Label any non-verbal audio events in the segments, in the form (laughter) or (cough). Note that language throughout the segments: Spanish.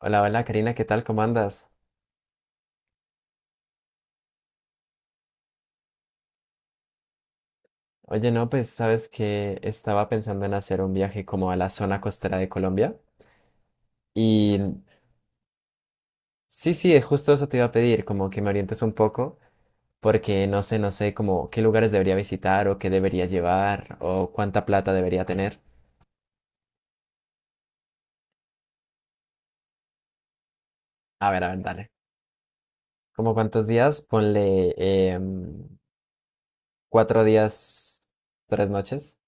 Hola, hola Karina, ¿qué tal? ¿Cómo andas? Oye, no, pues sabes que estaba pensando en hacer un viaje como a la zona costera de Colombia. Y sí, sí, justo eso te iba a pedir, como que me orientes un poco, porque no sé, no sé, como qué lugares debería visitar o qué debería llevar o cuánta plata debería tener. A ver, dale. ¿Como cuántos días? Ponle 4 días, 3 noches.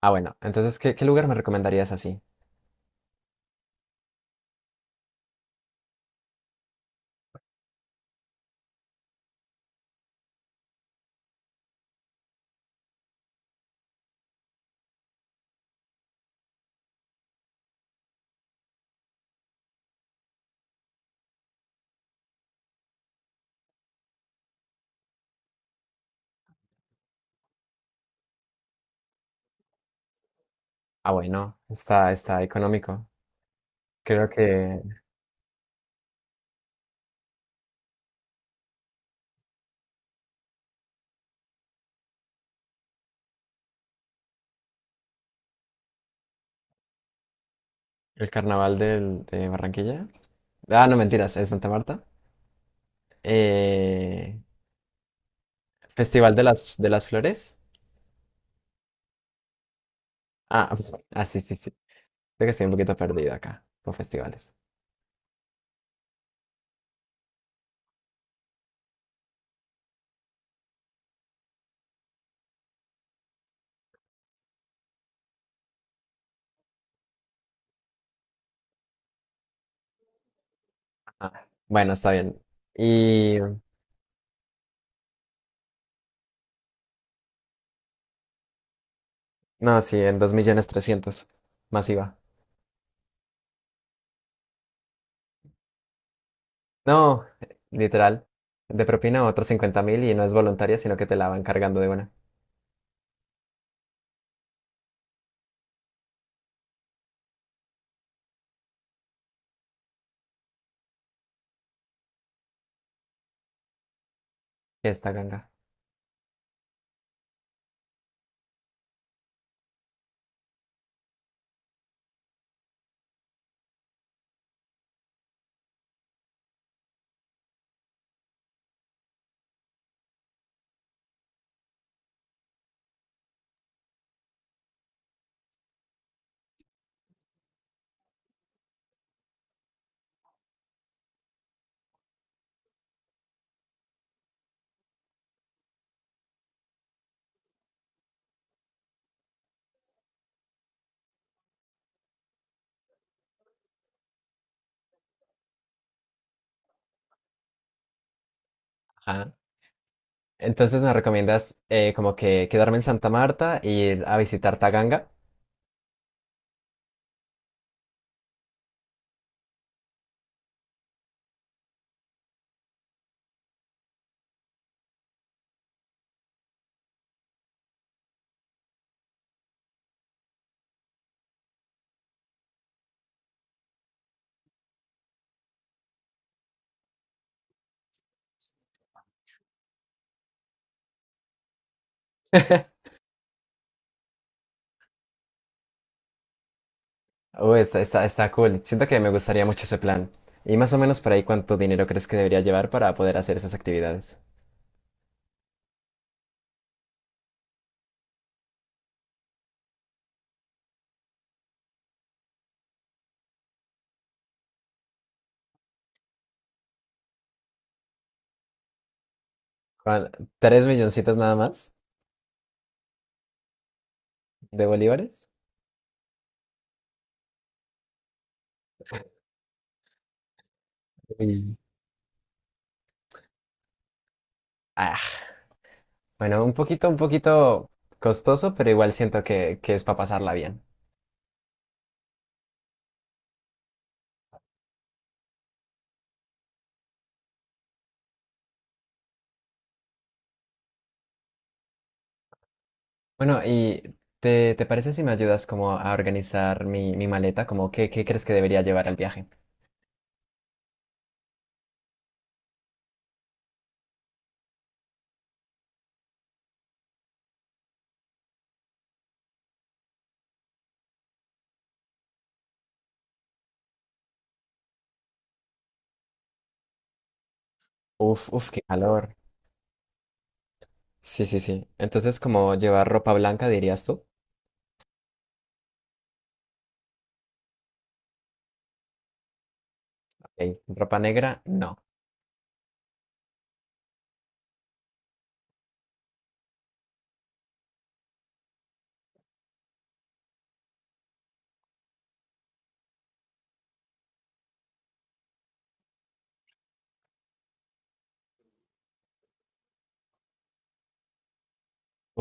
Ah, bueno, entonces, ¿qué lugar me recomendarías así? Ah, bueno, está económico. Creo que el carnaval de Barranquilla. Ah, no, mentiras, es Santa Marta. Eh, Festival de las Flores. Ah, (laughs) ah, sí, sí, sí. Creo que estoy un poquito perdido acá con festivales. Ajá. Bueno, está bien. Y no, sí, en dos millones trescientos masiva. No, literal. De propina otros 50.000 y no es voluntaria, sino que te la van cargando de una. Esta ganga. Ajá. Entonces me recomiendas como que quedarme en Santa Marta y ir a visitar Taganga. (laughs) Oh, está, está, está cool. Siento que me gustaría mucho ese plan. Y más o menos por ahí, ¿cuánto dinero crees que debería llevar para poder hacer esas actividades? ¿Cuál? ¿Tres milloncitos nada más de bolívares? Uy. Ah, bueno, un poquito costoso, pero igual siento que es para pasarla bien. Bueno, ¿y te parece si me ayudas como a organizar mi, mi maleta? Como, ¿qué crees que debería llevar al viaje? Uf, uf, qué calor. Sí, sí, sí. Entonces, ¿como llevar ropa blanca, dirías tú? Ok. ¿Ropa negra? No.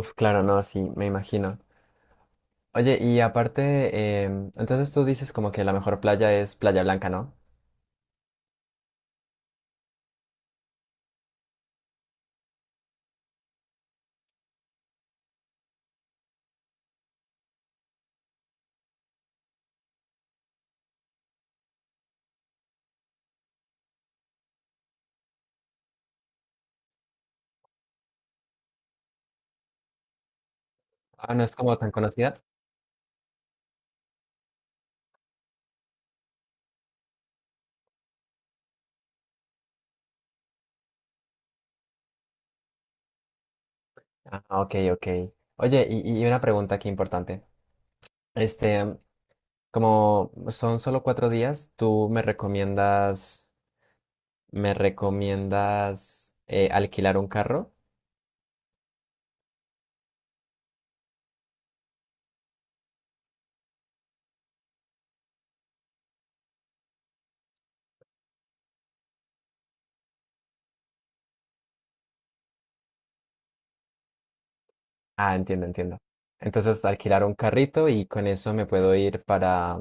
Uf, claro, no, sí, me imagino. Oye, y aparte, entonces tú dices como que la mejor playa es Playa Blanca, ¿no? Ah, no es como tan conocida. Ah, ok, ok. Oye, y una pregunta aquí importante. Este, como son solo 4 días, me recomiendas alquilar un carro? Ah, entiendo, entiendo. Entonces, alquilar un carrito y con eso me puedo ir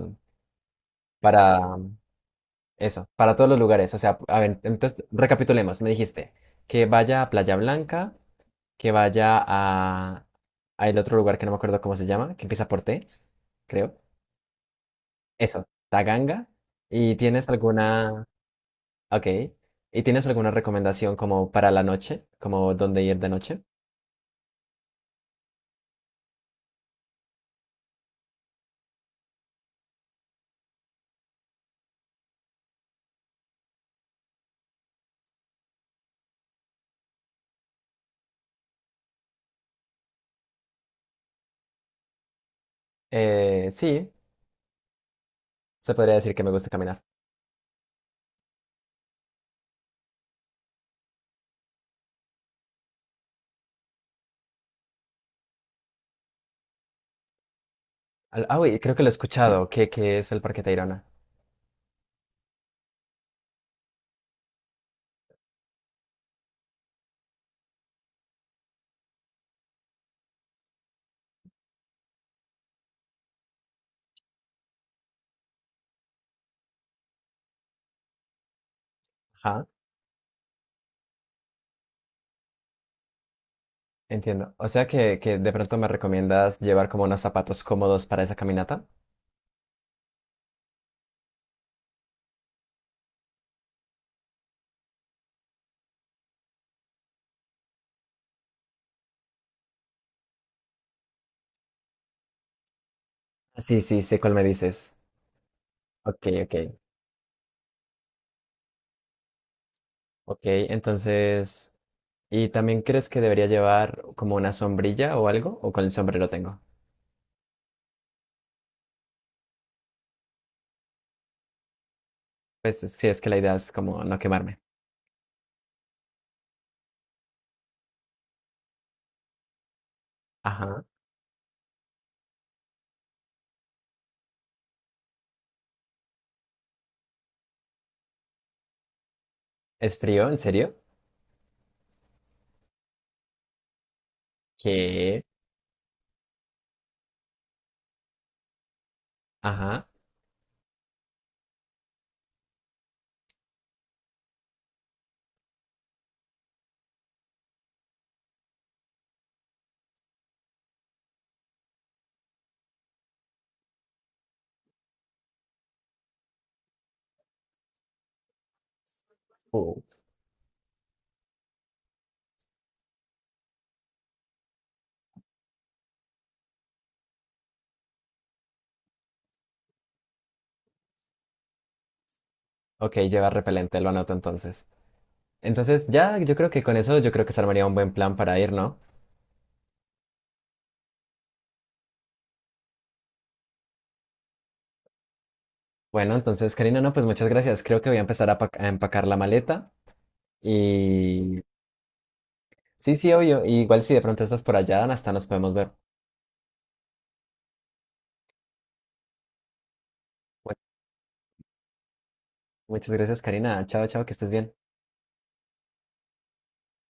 para, eso, para todos los lugares. O sea, a ver, entonces recapitulemos. Me dijiste que vaya a Playa Blanca, que vaya a el otro lugar que no me acuerdo cómo se llama, que empieza por T, creo. Eso, Taganga. ¿Y tienes alguna, ok, ¿y tienes alguna recomendación como para la noche, como dónde ir de noche? Sí, se podría decir que me gusta caminar. Ah, uy, creo que lo he escuchado, que es el Parque Tayrona. Ajá. Entiendo. O sea que de pronto me recomiendas llevar como unos zapatos cómodos para esa caminata. Ah, sí, sí, sé cuál me dices. Ok, ok. Ok, entonces, ¿y también crees que debería llevar como una sombrilla o algo? ¿O con el sombrero tengo? Pues sí, es que la idea es como no quemarme. Ajá. ¿Es frío? ¿En serio? ¿Qué? Ajá. Uh. Ok, lleva repelente, lo anoto entonces. Entonces, ya, yo creo que con eso, yo creo que se armaría un buen plan para ir, ¿no? Bueno, entonces, Karina, no, pues muchas gracias. Creo que voy a empezar a empacar la maleta. Y sí, sí, obvio. Y igual si de pronto estás por allá, hasta nos podemos ver. Bueno, muchas gracias, Karina. Chao, chao, que estés bien.